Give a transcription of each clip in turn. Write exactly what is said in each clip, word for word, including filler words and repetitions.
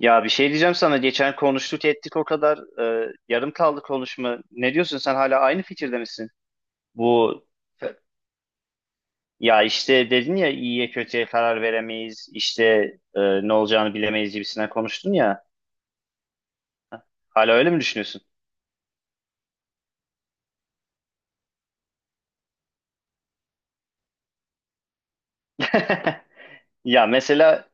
Ya bir şey diyeceğim sana. Geçen konuştuk ettik o kadar. E, yarım kaldı konuşma. Ne diyorsun sen hala aynı fikirde misin? Bu ya işte dedin ya iyiye kötüye karar veremeyiz. İşte e, ne olacağını bilemeyiz gibisinden konuştun ya. Hala öyle mi düşünüyorsun? Ya mesela,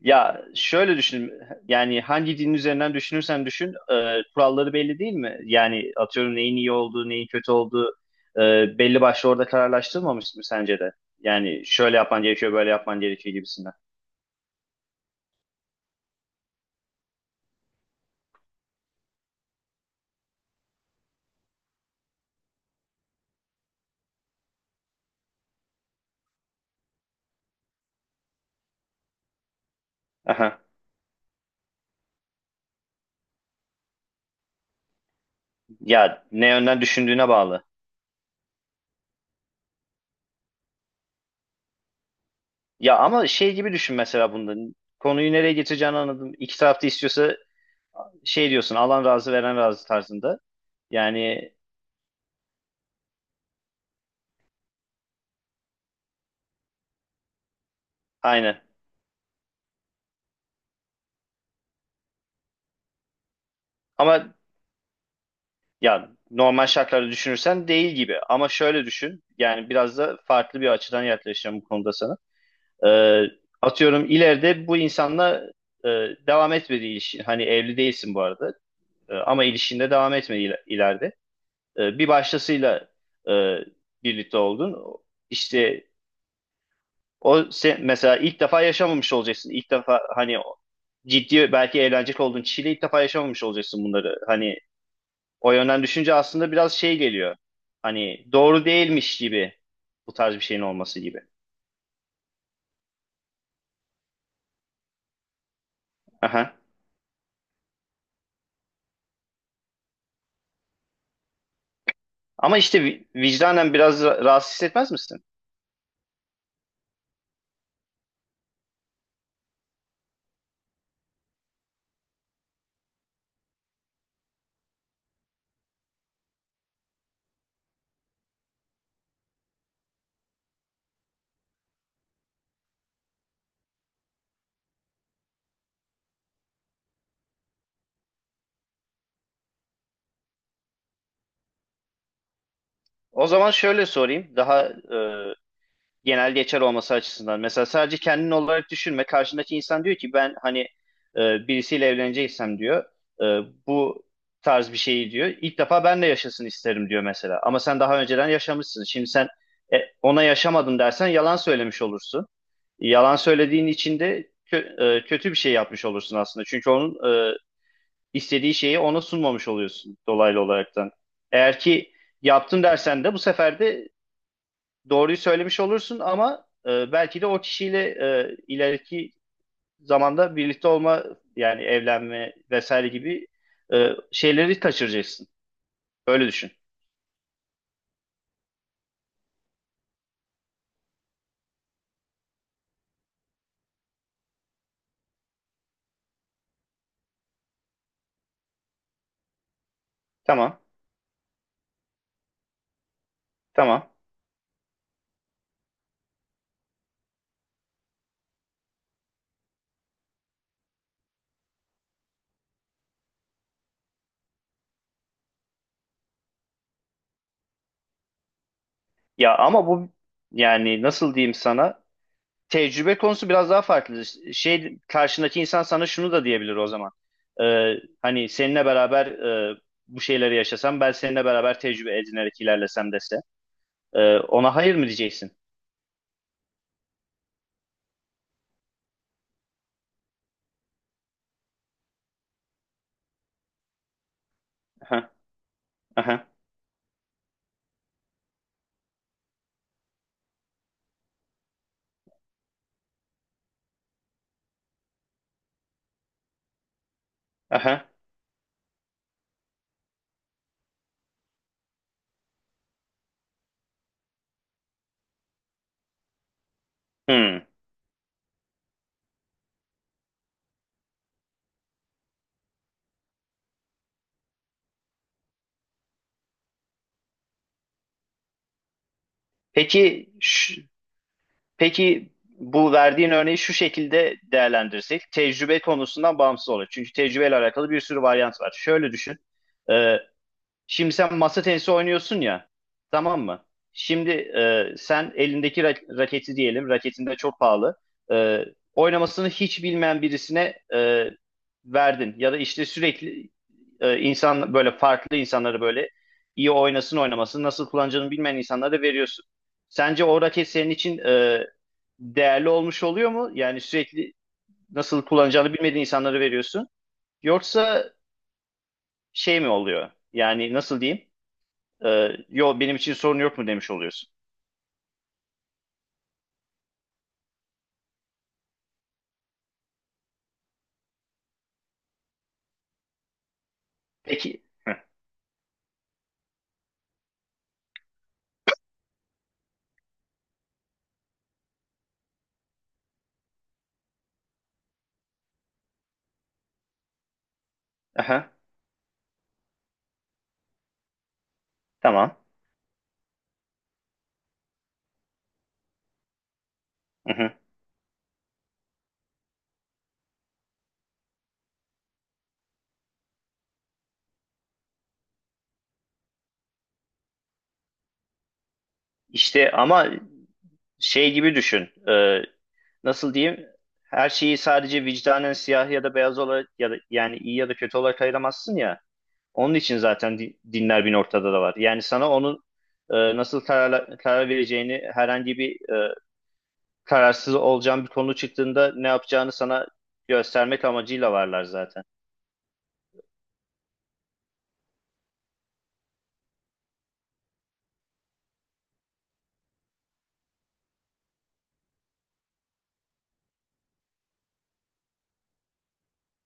ya şöyle düşün, yani hangi din üzerinden düşünürsen düşün e, kuralları belli değil mi? Yani atıyorum neyin iyi olduğu neyin kötü olduğu e, belli başlı orada kararlaştırılmamış mı sence de? Yani şöyle yapman gerekiyor böyle yapman gerekiyor gibisinden. Aha. Ya ne yönden düşündüğüne bağlı. Ya ama şey gibi düşün mesela bunda, konuyu nereye getireceğini anladım. İki taraf da istiyorsa şey diyorsun, alan razı veren razı tarzında. Yani aynen. Ama ya normal şartlarda düşünürsen değil gibi, ama şöyle düşün, yani biraz da farklı bir açıdan yaklaşacağım bu konuda sana. Ee, Atıyorum ileride bu insanla e, devam etmedi ilişki, hani evli değilsin bu arada. E, ama ilişkinde devam etmedi il- ileride. E, bir başkasıyla e, birlikte oldun, işte o sen, mesela ilk defa yaşamamış olacaksın, ilk defa hani o- ciddi belki evlenecek olduğun kişiyle ilk defa yaşamamış olacaksın bunları, hani o yönden düşünce aslında biraz şey geliyor. Hani doğru değilmiş gibi, bu tarz bir şeyin olması gibi. Aha. Ama işte vi- vicdanen biraz ra- rahatsız hissetmez misin? O zaman şöyle sorayım. Daha e, genel geçer olması açısından. Mesela sadece kendin olarak düşünme. Karşındaki insan diyor ki ben hani e, birisiyle evleneceksem diyor. e, Bu tarz bir şeyi diyor. İlk defa ben de yaşasın isterim diyor mesela. Ama sen daha önceden yaşamışsın. Şimdi sen e, ona yaşamadın dersen yalan söylemiş olursun. Yalan söylediğin için de kö- e, kötü bir şey yapmış olursun aslında. Çünkü onun e, istediği şeyi ona sunmamış oluyorsun dolaylı olaraktan. Eğer ki yaptım dersen de bu sefer de doğruyu söylemiş olursun, ama e, belki de o kişiyle e, ileriki zamanda birlikte olma, yani evlenme vesaire gibi e, şeyleri kaçıracaksın. Böyle düşün. Tamam. Tamam. Ya ama bu, yani nasıl diyeyim sana? Tecrübe konusu biraz daha farklı. Şey, karşındaki insan sana şunu da diyebilir o zaman. Ee, Hani seninle beraber e, bu şeyleri yaşasam, ben seninle beraber tecrübe edinerek ilerlesem dese. Ee, ona hayır mı diyeceksin? Aha, aha, aha. Hmm. Peki ş- peki bu verdiğin örneği şu şekilde değerlendirsek, tecrübe konusundan bağımsız olur. Çünkü tecrübeyle alakalı bir sürü varyant var. Şöyle düşün. Ee, Şimdi sen masa tenisi oynuyorsun ya, tamam mı? Şimdi e, sen elindeki ra- raketi diyelim, raketin de çok pahalı. E, oynamasını hiç bilmeyen birisine e, verdin. Ya da işte sürekli e, insan böyle farklı insanları böyle iyi oynasın oynamasın, nasıl kullanacağını bilmeyen insanlara da veriyorsun. Sence o raket senin için e, değerli olmuş oluyor mu? Yani sürekli nasıl kullanacağını bilmediğin insanlara veriyorsun. Yoksa şey mi oluyor? Yani nasıl diyeyim? Ee, yo benim için sorun yok mu demiş oluyorsun. Peki. Hı. Aha, tamam. Hı hı. İşte ama şey gibi düşün. Ee, nasıl diyeyim? Her şeyi sadece vicdanen siyah ya da beyaz olarak ya da yani iyi ya da kötü olarak ayıramazsın ya. Onun için zaten di- dinler bin ortada da var. Yani sana onun e, nasıl karar, karar vereceğini, herhangi bir e, kararsız olacağın bir konu çıktığında ne yapacağını sana göstermek amacıyla varlar zaten.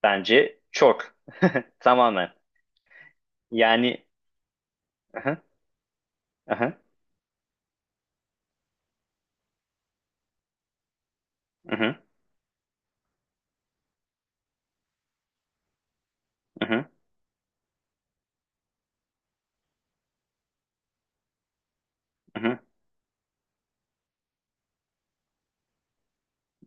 Bence çok. Tamamen. Yani aha, aha, aha, aha, aha.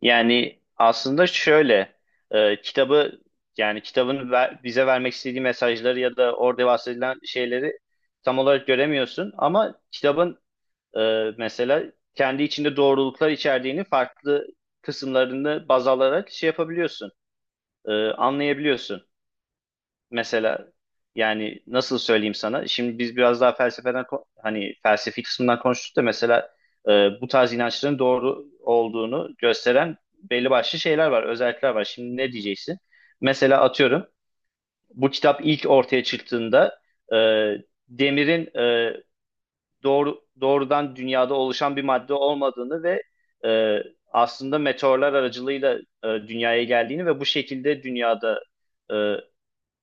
Yani aslında şöyle, e, kitabı, yani kitabın ver- bize vermek istediği mesajları ya da orada bahsedilen şeyleri tam olarak göremiyorsun, ama kitabın e, mesela kendi içinde doğruluklar içerdiğini farklı kısımlarını baz alarak şey yapabiliyorsun, e, anlayabiliyorsun. Mesela, yani nasıl söyleyeyim sana? Şimdi biz biraz daha felsefeden ko- hani felsefi kısmından konuştuk da mesela e, bu tarz inançların doğru olduğunu gösteren belli başlı şeyler var, özellikler var. Şimdi ne diyeceksin? Mesela atıyorum bu kitap ilk ortaya çıktığında e, demirin e, doğru doğrudan dünyada oluşan bir madde olmadığını ve e, aslında meteorlar aracılığıyla e, dünyaya geldiğini ve bu şekilde dünyada e,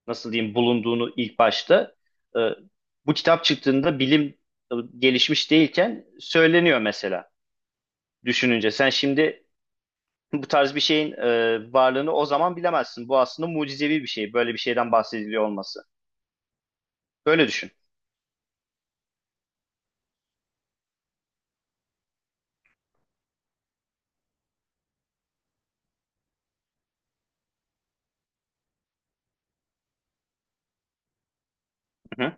nasıl diyeyim bulunduğunu, ilk başta e, bu kitap çıktığında bilim e, gelişmiş değilken söyleniyor mesela, düşününce. Sen şimdi bu tarz bir şeyin e, varlığını o zaman bilemezsin. Bu aslında mucizevi bir şey. Böyle bir şeyden bahsediliyor olması. Böyle düşün. Hı hı.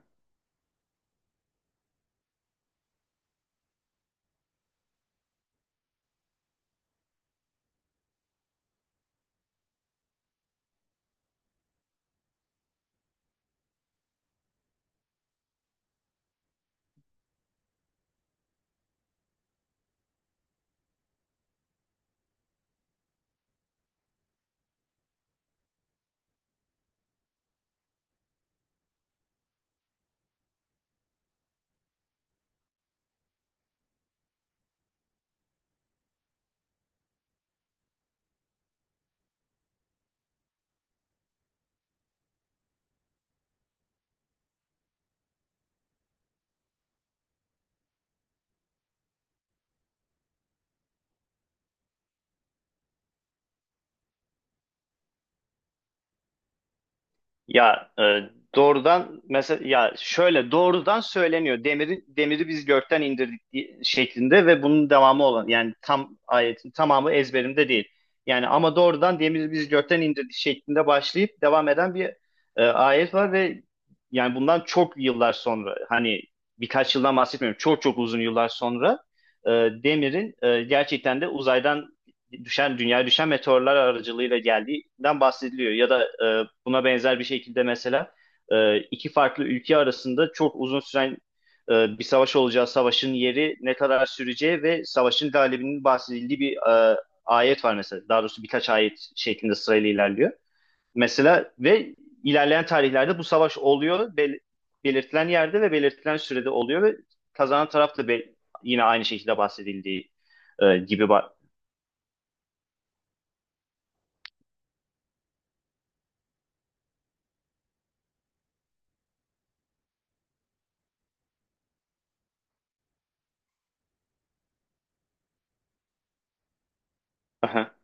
Ya e, Doğrudan mesela, ya şöyle doğrudan söyleniyor. Demiri demiri biz gökten indirdik di- şeklinde, ve bunun devamı olan, yani tam ayetin tamamı ezberimde değil. Yani ama doğrudan demiri biz gökten indirdik şeklinde başlayıp devam eden bir e, ayet var ve, yani bundan çok yıllar sonra, hani birkaç yıldan bahsetmiyorum, çok çok uzun yıllar sonra e, demirin e, gerçekten de uzaydan düşen dünya düşen meteorlar aracılığıyla geldiğinden bahsediliyor. Ya da e, buna benzer bir şekilde mesela e, iki farklı ülke arasında çok uzun süren e, bir savaş olacağı, savaşın yeri, ne kadar süreceği ve savaşın galibinin bahsedildiği bir e, ayet var mesela. Daha doğrusu birkaç ayet şeklinde sırayla ilerliyor. Mesela ve ilerleyen tarihlerde bu savaş oluyor. Bel- belirtilen yerde ve belirtilen sürede oluyor ve kazanan taraf da be- yine aynı şekilde bahsedildiği e, gibi. Ba-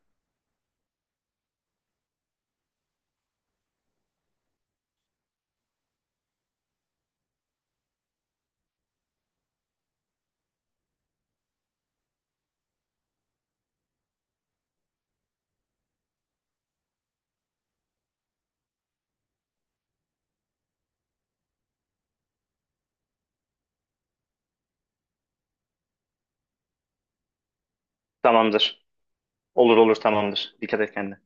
Tamamdır. Olur olur, tamamdır. Dikkat et kendine.